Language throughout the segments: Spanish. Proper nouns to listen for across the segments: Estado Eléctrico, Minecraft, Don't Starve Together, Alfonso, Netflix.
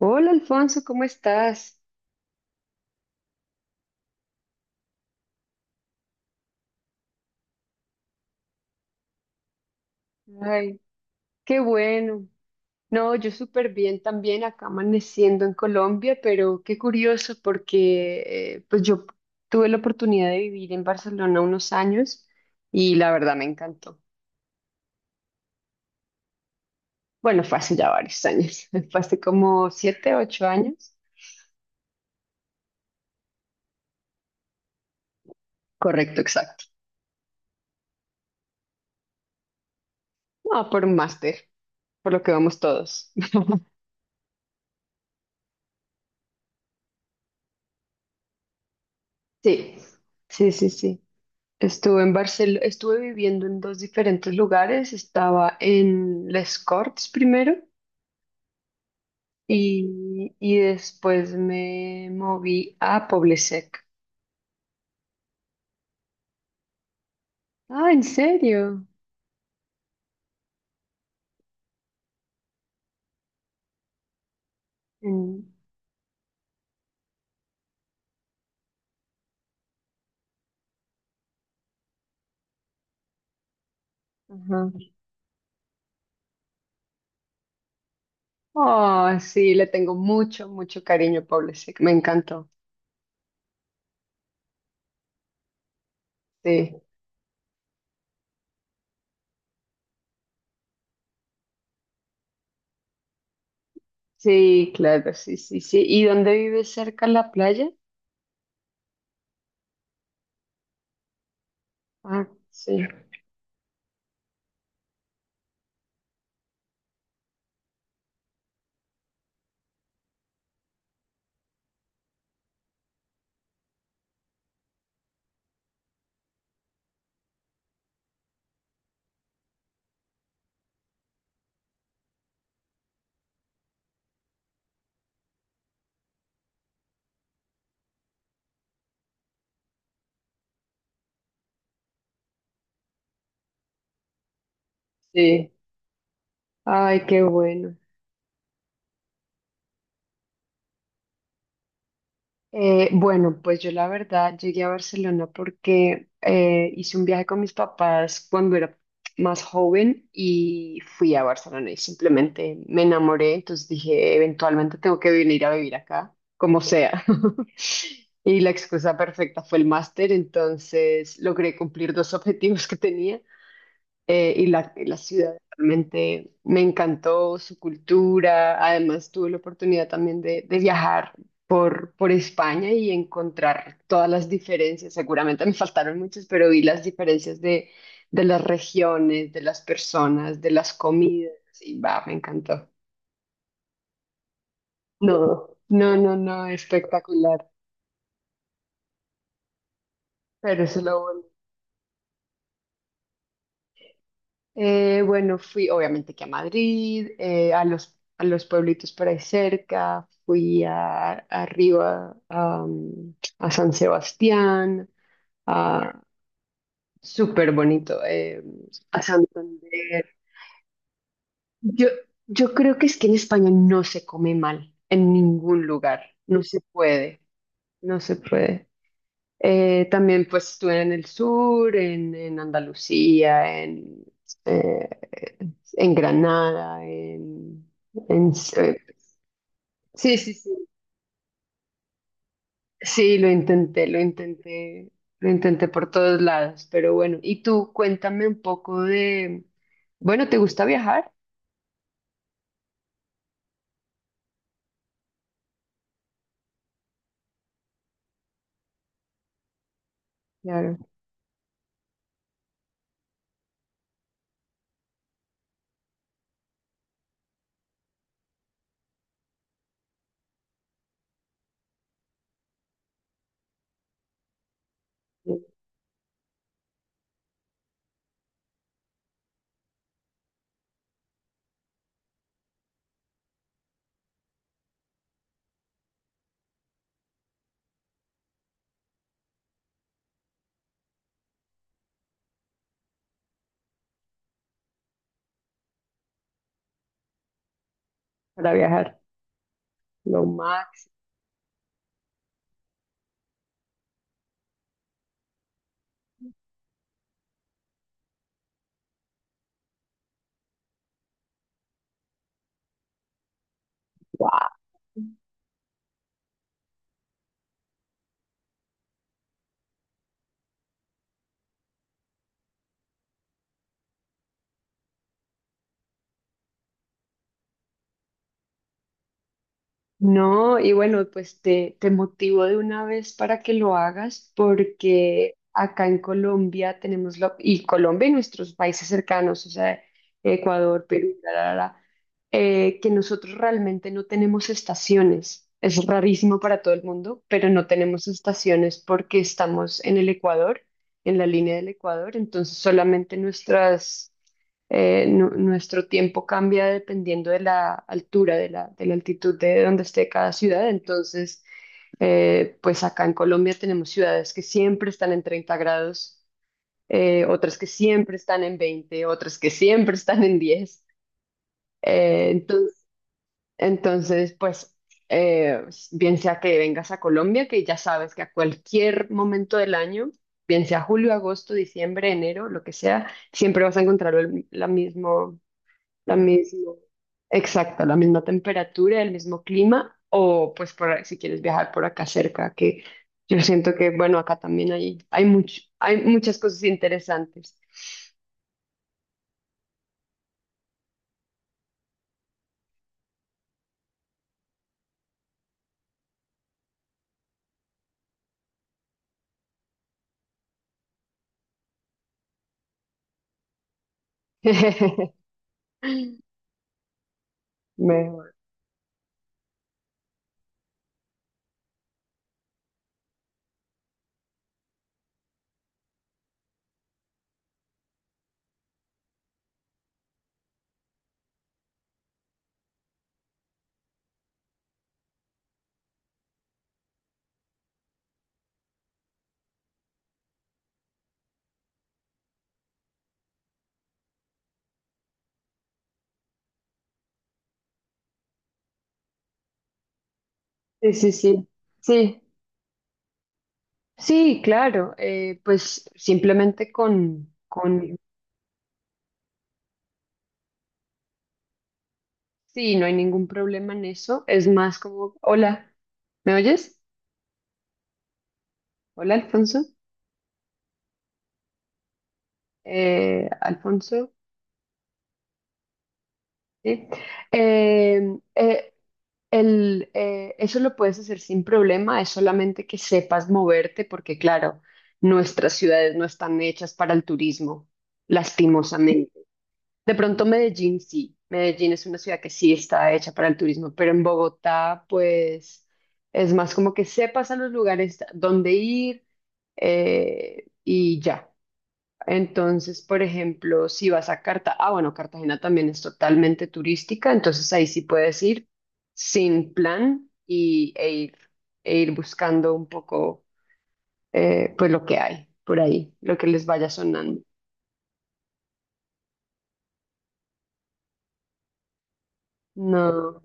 Hola Alfonso, ¿cómo estás? Ay, qué bueno. No, yo súper bien también acá amaneciendo en Colombia, pero qué curioso porque pues yo tuve la oportunidad de vivir en Barcelona unos años y la verdad me encantó. Bueno, fue hace ya varios años, fue hace como 7, 8 años. Correcto, exacto. No, por un máster, por lo que vamos todos. Sí, sí, sí, sí. Estuve en Barcelona, estuve viviendo en dos diferentes lugares. Estaba en Les Corts primero y después me moví a Poblesec. Ah, ¿en serio? En- ajá. Oh, sí, le tengo mucho, mucho cariño a Poblesec. Me encantó. Sí, sí, claro, sí, sí, sí. ¿Y dónde vives cerca a la playa? Ah, sí, sí. Ay, qué bueno. Bueno, pues yo la verdad llegué a Barcelona porque hice un viaje con mis papás cuando era más joven y fui a Barcelona y simplemente me enamoré, entonces dije, eventualmente tengo que venir a vivir acá, como sea. Y la excusa perfecta fue el máster, entonces logré cumplir dos objetivos que tenía y la ciudad realmente me encantó, su cultura. Además, tuve la oportunidad también de viajar por España y encontrar todas las diferencias. Seguramente me faltaron muchas, pero vi las diferencias de las regiones, de las personas, de las comidas. Y va, me encantó. No, no, no, no, espectacular. Pero eso es lo bueno. Bueno, fui obviamente que a Madrid, a los pueblitos por ahí cerca, fui a, arriba a, a San Sebastián, a, súper bonito, a Santander. Yo, yo creo que es que en España no se come mal, en ningún lugar, no se puede, no se puede. También pues estuve en el sur, en Andalucía, eh, en Granada, en- eh, sí, sí, sí, sí, lo intenté, lo intenté, lo intenté por todos lados, pero bueno, y tú cuéntame un poco de, bueno, ¿te gusta viajar? Claro, para viajar, lo máximo. No, y bueno, pues te motivo de una vez para que lo hagas, porque acá en Colombia tenemos la, y Colombia y nuestros países cercanos, o sea, Ecuador, Perú, la, que nosotros realmente no tenemos estaciones. Es rarísimo para todo el mundo, pero no tenemos estaciones porque estamos en el Ecuador, en la línea del Ecuador, entonces solamente nuestras nuestro tiempo cambia dependiendo de la altura, de la altitud de donde esté cada ciudad. Entonces, pues acá en Colombia tenemos ciudades que siempre están en 30 grados, otras que siempre están en 20, otras que siempre están en 10. Eh, enton- entonces, pues, eh, bien sea que vengas a Colombia, que ya sabes que a cualquier momento del año, bien sea julio, agosto, diciembre, enero, lo que sea, siempre vas a encontrar el, la misma, la misma, exacta, la misma temperatura, el mismo clima, o pues por, si quieres viajar por acá cerca, que yo siento que, bueno, acá también hay mucho, hay muchas cosas interesantes. Mejor. Sí, sí, sí. Sí, sí, claro. Pues simplemente con, sí, no hay ningún problema en eso. Es más como, hola, ¿me oyes? Hola, Alfonso. Alfonso, sí. Eh, eh, El, eso lo puedes hacer sin problema, es solamente que sepas moverte, porque claro, nuestras ciudades no están hechas para el turismo, lastimosamente. De pronto Medellín sí, Medellín es una ciudad que sí está hecha para el turismo, pero en Bogotá pues es más como que sepas a los lugares donde ir, y ya. Entonces, por ejemplo, si vas a Cartagena, ah, bueno, Cartagena también es totalmente turística, entonces ahí sí puedes ir sin plan y, e ir buscando un poco, pues lo que hay por ahí, lo que les vaya sonando. No,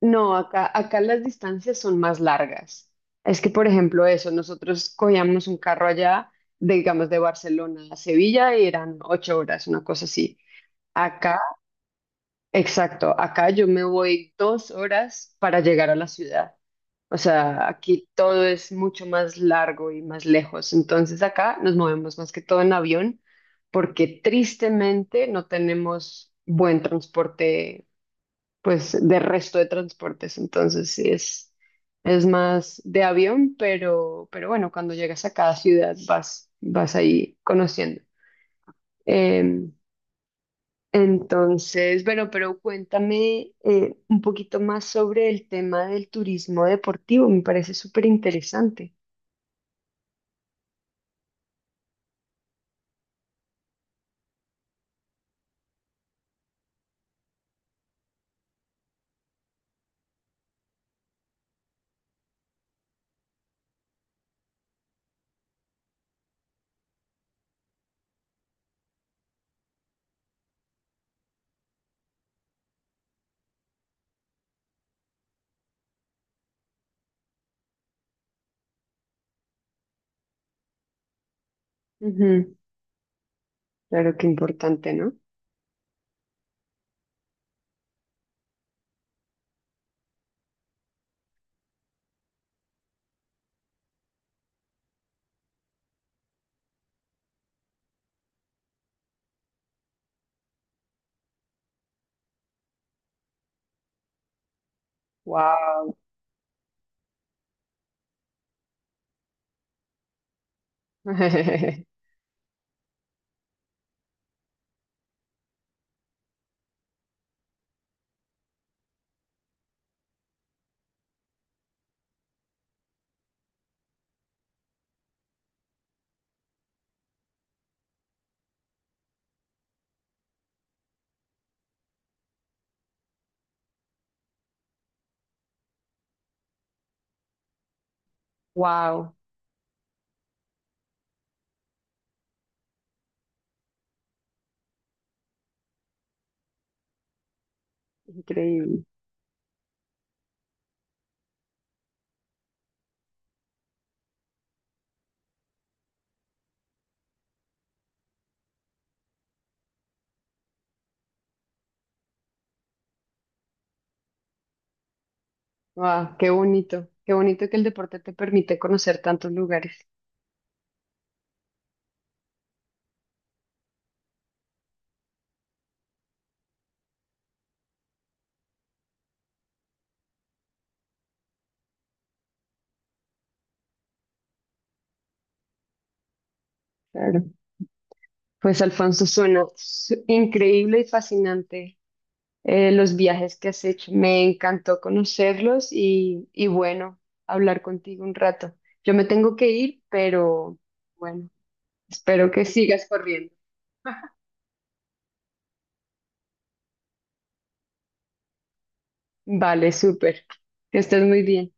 no, acá, acá las distancias son más largas. Es que, por ejemplo, eso, nosotros cogíamos un carro allá, de, digamos, de Barcelona a Sevilla y eran 8 horas, una cosa así. Acá, exacto, acá yo me voy 2 horas para llegar a la ciudad. O sea, aquí todo es mucho más largo y más lejos. Entonces acá nos movemos más que todo en avión porque tristemente no tenemos buen transporte, pues de resto de transportes. Entonces sí es más de avión, pero bueno, cuando llegas a cada ciudad vas, vas ahí conociendo. Em, entonces, bueno, pero cuéntame un poquito más sobre el tema del turismo deportivo. Me parece súper interesante. Ujú. Claro que importante, ¿no? Wow. Wow, increíble. Wow, qué bonito. Qué bonito que el deporte te permite conocer tantos lugares. Claro. Pues Alfonso, suena su- increíble y fascinante, los viajes que has hecho. Me encantó conocerlos y bueno, hablar contigo un rato. Yo me tengo que ir, pero bueno, espero que sigas corriendo. Vale, súper. Que estés muy bien.